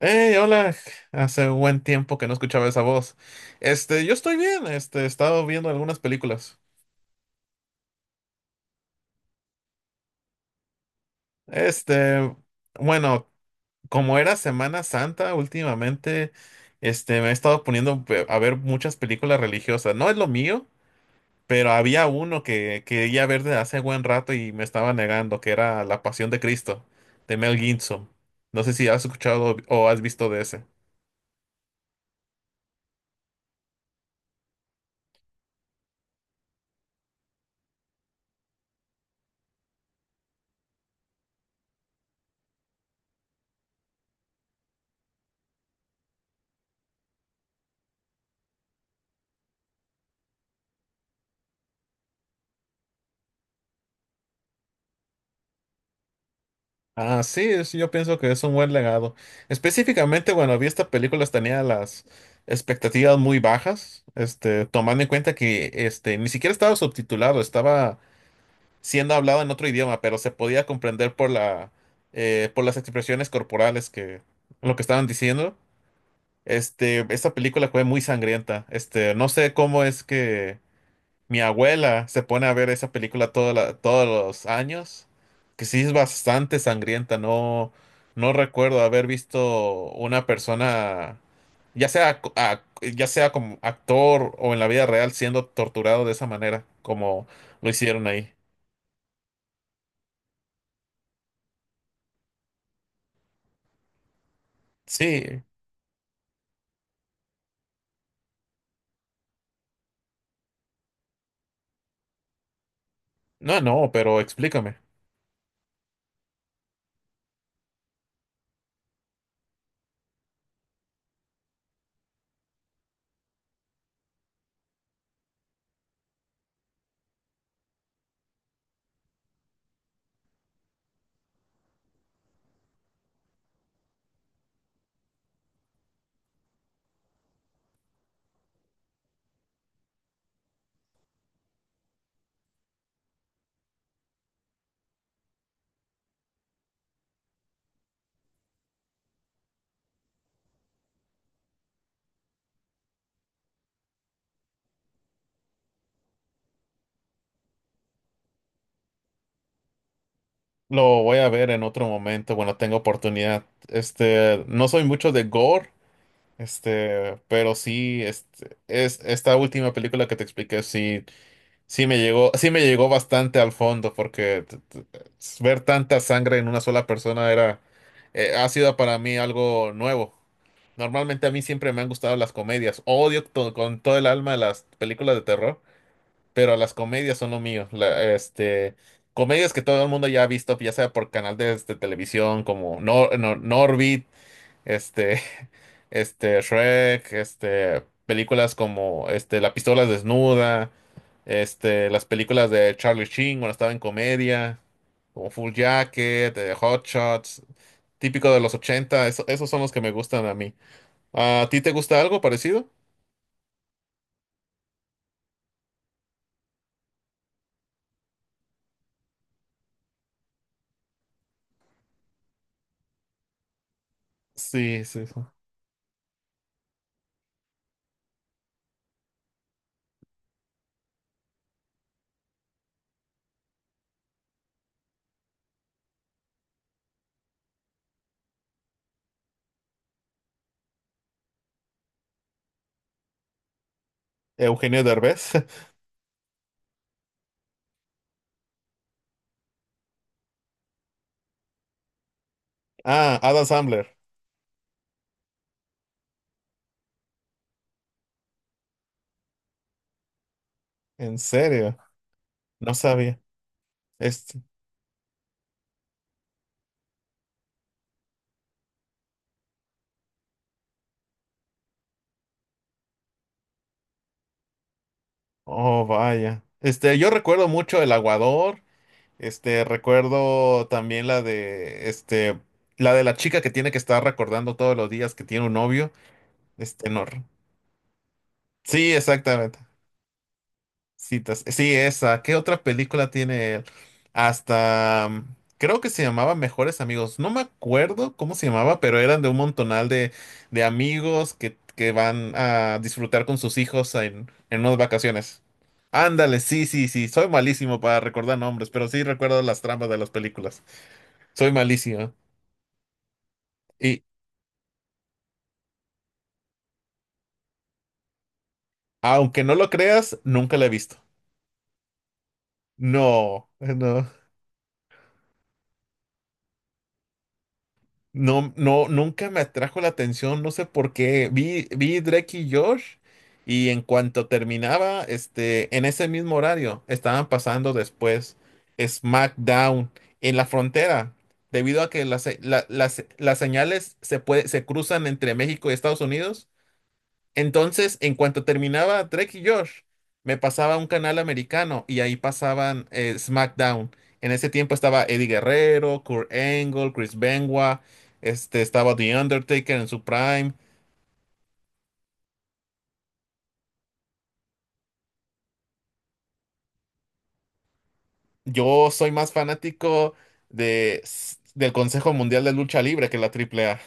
Hey, hola. Hace un buen tiempo que no escuchaba esa voz. Yo estoy bien. He estado viendo algunas películas. Este, bueno, Como era Semana Santa últimamente, me he estado poniendo a ver muchas películas religiosas. No es lo mío, pero había uno que quería ver desde hace buen rato y me estaba negando, que era La Pasión de Cristo, de Mel Gibson. No sé si has escuchado o has visto de ese. Ah, sí, sí, yo pienso que es un buen legado. Específicamente, bueno, vi esta película, tenía las expectativas muy bajas, tomando en cuenta que ni siquiera estaba subtitulado, estaba siendo hablado en otro idioma, pero se podía comprender por por las expresiones corporales que lo que estaban diciendo. Esta película fue muy sangrienta. No sé cómo es que mi abuela se pone a ver esa película todos los años, que sí es bastante sangrienta. No, no recuerdo haber visto una persona, ya sea, ya sea como actor o en la vida real, siendo torturado de esa manera, como lo hicieron ahí. Sí, no, no, pero explícame. Lo voy a ver en otro momento. Bueno, tengo oportunidad. No soy mucho de gore, pero sí, es esta última película que te expliqué, sí. Sí me llegó bastante al fondo porque ver tanta sangre en una sola persona era, ha sido para mí algo nuevo. Normalmente a mí siempre me han gustado las comedias. Odio con todo el alma las películas de terror, pero las comedias son lo mío. Comedias que todo el mundo ya ha visto, ya sea por canal de, televisión como Norbit, este, Shrek, películas como La pistola desnuda, las películas de Charlie Sheen cuando estaba en comedia, como Full Jacket, Hot Shots, típico de los 80, esos son los que me gustan a mí. ¿A ti te gusta algo parecido? Sí, sí, sí. Eugenio Derbez. Ah, Adam Sandler. En serio, no sabía. Este, oh, vaya. Yo recuerdo mucho El Aguador. Recuerdo también la de, la de la chica que tiene que estar recordando todos los días que tiene un novio. Este, no. re- Sí, exactamente. Citas. Sí, esa. ¿Qué otra película tiene él? Hasta, creo que se llamaba Mejores Amigos. No me acuerdo cómo se llamaba, pero eran de un montonal de amigos que van a disfrutar con sus hijos en unas vacaciones. Ándale, sí, sí, sí. Soy malísimo para recordar nombres, pero sí recuerdo las tramas de las películas. Soy malísimo. Y aunque no lo creas, nunca la he visto. No, no, no, no, nunca me atrajo la atención, no sé por qué. Vi, vi Drake y Josh y en cuanto terminaba, en ese mismo horario, estaban pasando después SmackDown en la frontera, debido a que las señales se cruzan entre México y Estados Unidos. Entonces, en cuanto terminaba Drake y Josh, me pasaba a un canal americano y ahí pasaban SmackDown. En ese tiempo estaba Eddie Guerrero, Kurt Angle, Chris Benoit, estaba The Undertaker en su prime. Yo soy más fanático del Consejo Mundial de Lucha Libre que la Triple A.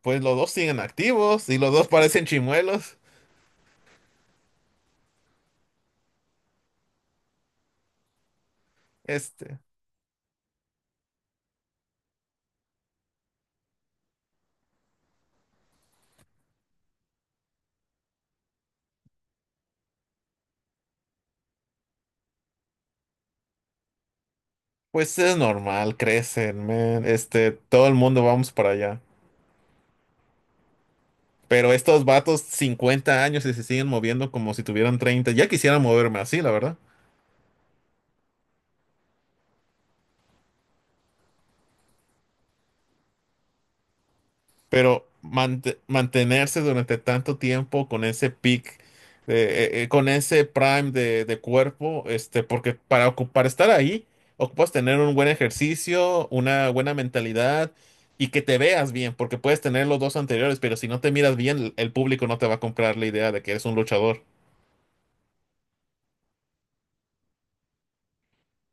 Pues los dos siguen activos y los dos parecen chimuelos. Este, pues es normal, crecen, man. Todo el mundo vamos para allá. Pero estos vatos, 50 años y se siguen moviendo como si tuvieran 30. Ya quisiera moverme así, la verdad. Pero mantenerse durante tanto tiempo con ese peak, con ese prime de cuerpo, porque para, para estar ahí, ocupas tener un buen ejercicio, una buena mentalidad y que te veas bien, porque puedes tener los dos anteriores, pero si no te miras bien, el público no te va a comprar la idea de que eres un luchador.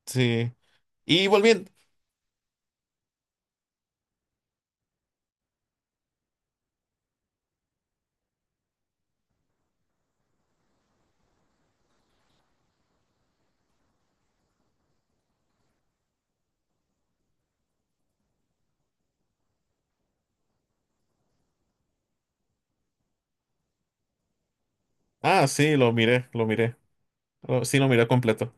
Sí. Y volviendo. Ah, sí, lo miré, lo miré. Sí, lo miré completo.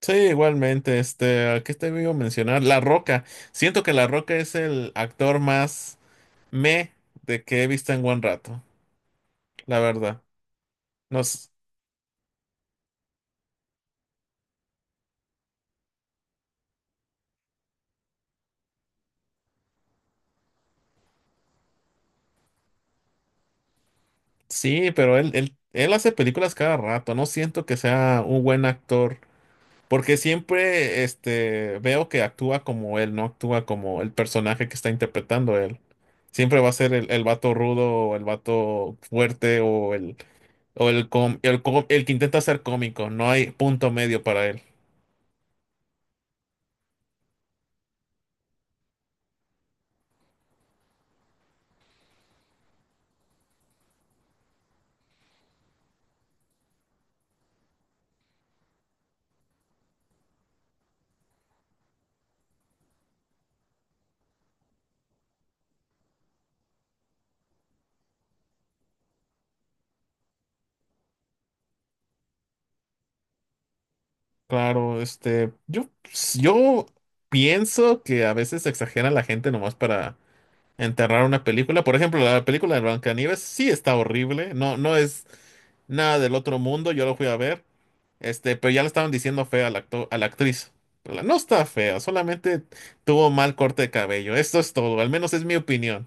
Sí, igualmente, ¿a qué te iba a mencionar? La Roca. Siento que La Roca es el actor más me de que he visto en buen rato, la verdad. No, s- Sí, pero él hace películas cada rato. No siento que sea un buen actor, porque siempre, veo que actúa como él, no actúa como el personaje que está interpretando él. Siempre va a ser el vato rudo, o el vato fuerte, o el, com- el, com- el que intenta ser cómico. No hay punto medio para él. Claro, yo pienso que a veces exagera la gente nomás para enterrar una película. Por ejemplo, la película de Blancanieves sí está horrible, no, no es nada del otro mundo, yo lo fui a ver, pero ya le estaban diciendo fea a la actriz. Pero no está fea, solamente tuvo mal corte de cabello. Esto es todo, al menos es mi opinión.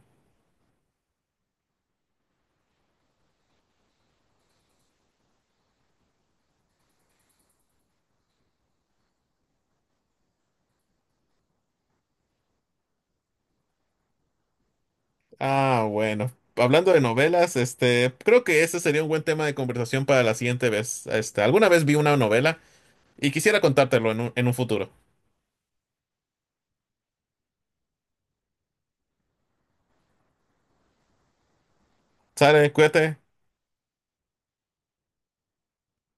Ah, bueno. Hablando de novelas, creo que ese sería un buen tema de conversación para la siguiente vez. Alguna vez vi una novela y quisiera contártelo en en un futuro. Sale, cuídate.